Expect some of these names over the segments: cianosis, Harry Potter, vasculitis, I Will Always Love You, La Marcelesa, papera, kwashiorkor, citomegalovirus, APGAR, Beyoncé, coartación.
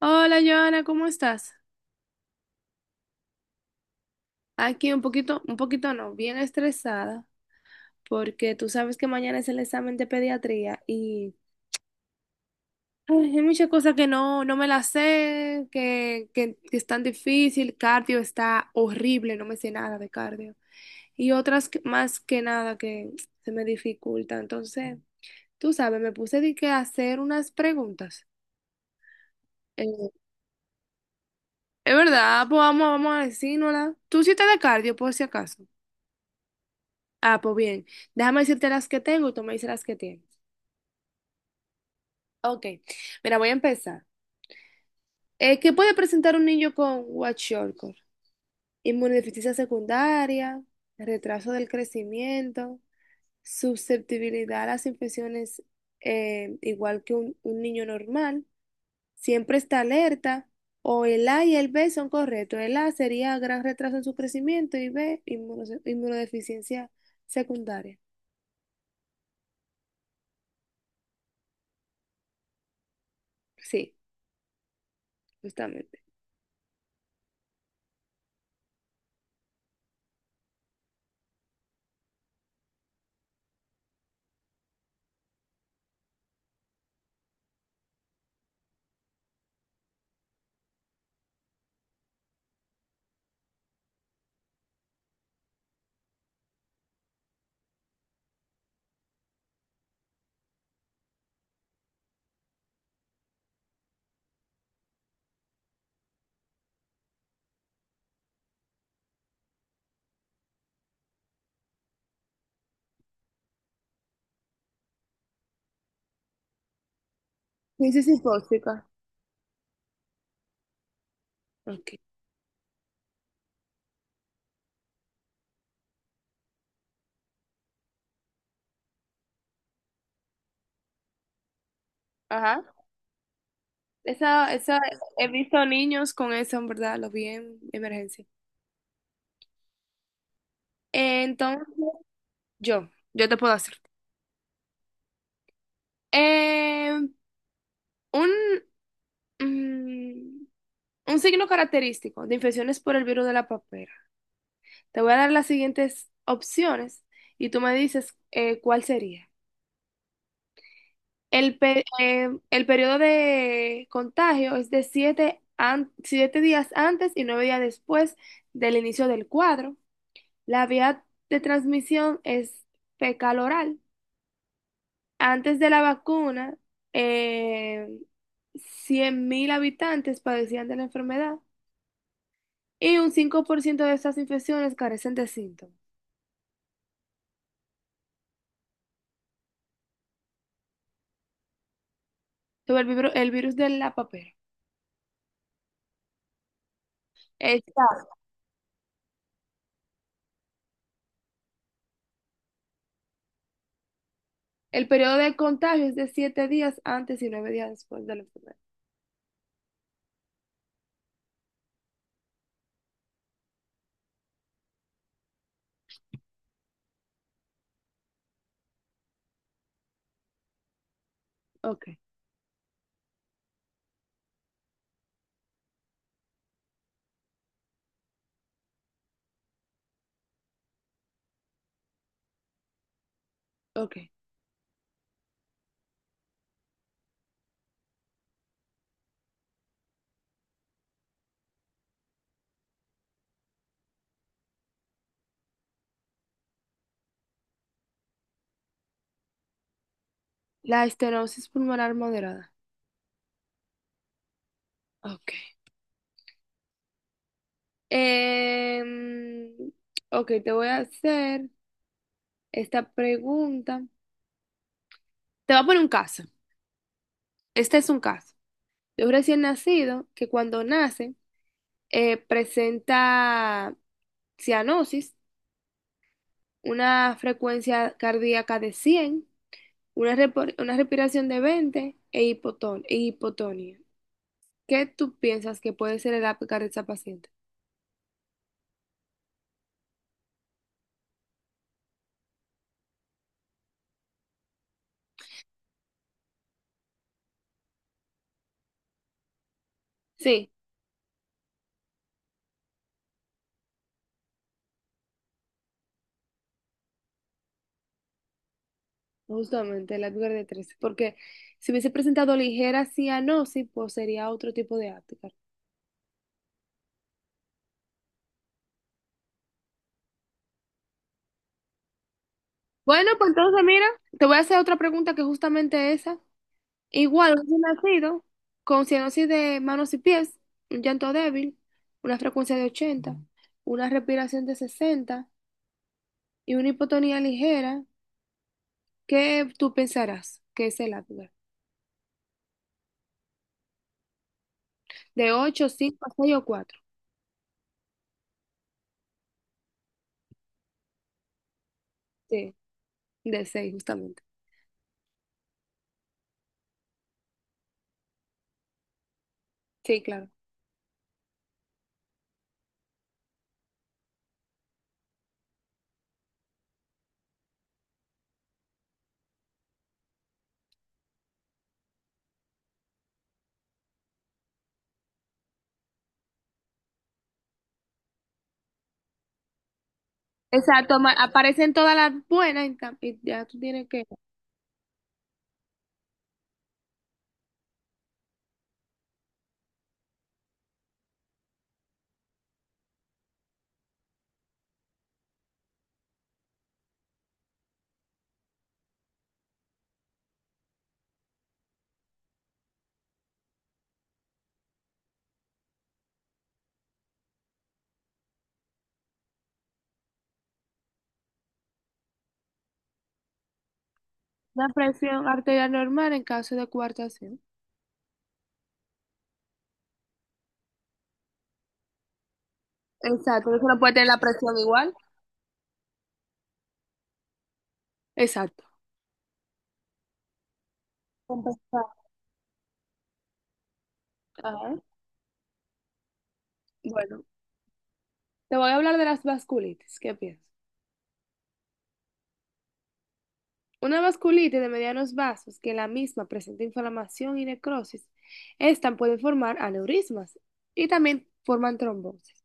Hola, Joana, ¿cómo estás? Aquí un poquito no, bien estresada, porque tú sabes que mañana es el examen de pediatría y ay, hay muchas cosas que no me las sé, que es tan difícil, cardio está horrible, no me sé nada de cardio. Y más que nada que se me dificulta. Entonces, tú sabes, me puse de que a hacer unas preguntas. Eh, es verdad, pues vamos, vamos a decírnosla. Tú sí estás de cardio, por si acaso. Ah, pues bien. Déjame decirte las que tengo y tú me dices las que tienes. Ok. Mira, voy a empezar. ¿Qué puede presentar un niño con kwashiorkor? Inmunodeficiencia secundaria, retraso del crecimiento, susceptibilidad a las infecciones, igual que un niño normal, siempre está alerta, o el A y el B son correctos. El A sería gran retraso en su crecimiento y B, inmunodeficiencia secundaria. Sí, justamente. Crisis hipóxica. Ok. Ajá. Esa, esa, he visto niños con eso, en verdad, lo vi en emergencia. Entonces, yo te puedo hacer. Eh, un, mm, un signo característico de infecciones por el virus de la papera. Te voy a dar las siguientes opciones y tú me dices, cuál sería. El periodo de contagio es de siete días antes y 9 días después del inicio del cuadro. La vía de transmisión es fecal oral. Antes de la vacuna, eh, 100.000 habitantes padecían de la enfermedad y un 5% de estas infecciones carecen de síntomas. Sobre el virus de la papera. Está. El periodo de contagio es de 7 días antes y nueve días después de la enfermedad. Ok, ok. La estenosis pulmonar moderada. Ok. Em, ok, te voy a hacer esta pregunta. Te voy a poner un caso. Este es un caso de un recién nacido que cuando nace, presenta cianosis, una frecuencia cardíaca de 100, una respiración de 20 e hipotonía. ¿Qué tú piensas que puede ser el APGAR de esa paciente? Sí, justamente el APGAR de 13, porque si hubiese presentado ligera cianosis, pues sería otro tipo de APGAR. Bueno, pues entonces mira, te voy a hacer otra pregunta que justamente esa. Igual, un recién nacido con cianosis de manos y pies, un llanto débil, una frecuencia de ochenta, una respiración de 60 y una hipotonía ligera, ¿qué tú pensarás que es el Apgar? ¿De 8, 5, 6 o cuatro? Sí, de 6 justamente. Sí, claro. Exacto, aparecen todas las buenas y, y ya tú tienes que... Una presión arterial normal en caso de coartación. Exacto, eso no puede tener la presión igual. Exacto. Compensar. Ajá. Bueno. Te voy a hablar de las vasculitis. ¿Qué piensas? Una vasculitis de medianos vasos que la misma presenta inflamación y necrosis. Esta puede formar aneurismas y también forman trombosis.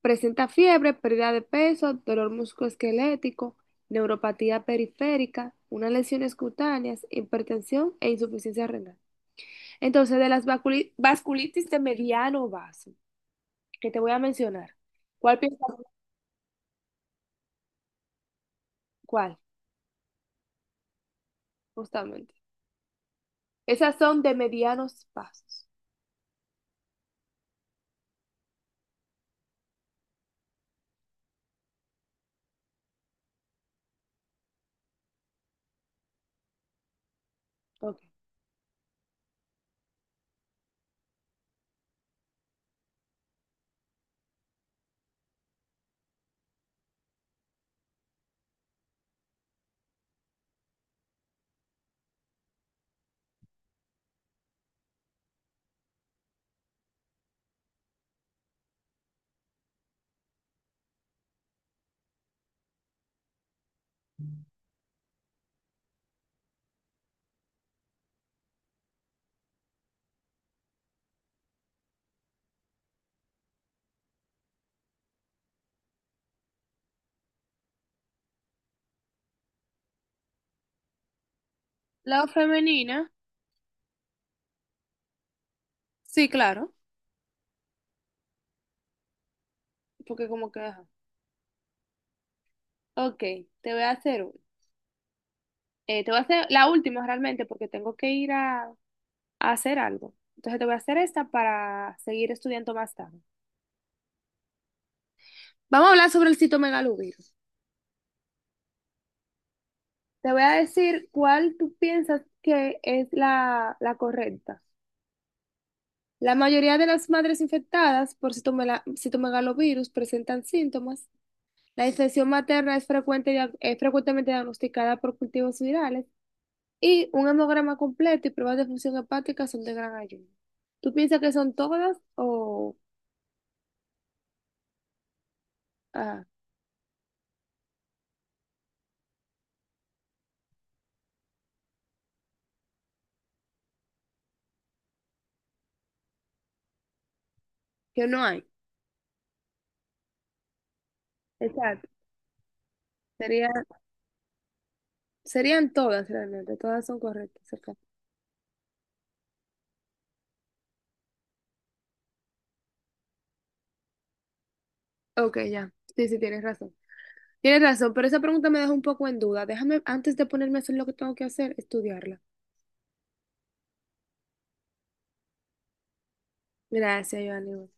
Presenta fiebre, pérdida de peso, dolor musculoesquelético, neuropatía periférica, unas lesiones cutáneas, hipertensión e insuficiencia renal. Entonces, de las vasculitis de mediano vaso que te voy a mencionar, ¿cuál piensas? ¿Cuál? Justamente. Esas son de medianos vasos. Ok. La femenina, sí, claro, porque como que, ajá. Ok, te voy a hacer, te voy a hacer la última realmente porque tengo que ir a hacer algo. Entonces te voy a hacer esta para seguir estudiando más tarde. Vamos a hablar sobre el citomegalovirus. Te voy a decir cuál tú piensas que es la correcta. La mayoría de las madres infectadas por citomegalovirus presentan síntomas. La infección materna es frecuente, es frecuentemente diagnosticada por cultivos virales. Y un hemograma completo y pruebas de función hepática son de gran ayuda. ¿Tú piensas que son todas o ah, que no hay? Exacto. Sería, serían todas realmente, todas son correctas. Ok. Ok, ya. Sí, sí, tienes razón. Tienes razón, pero esa pregunta me deja un poco en duda. Déjame, antes de ponerme a hacer lo que tengo que hacer, estudiarla. Gracias, Joanny.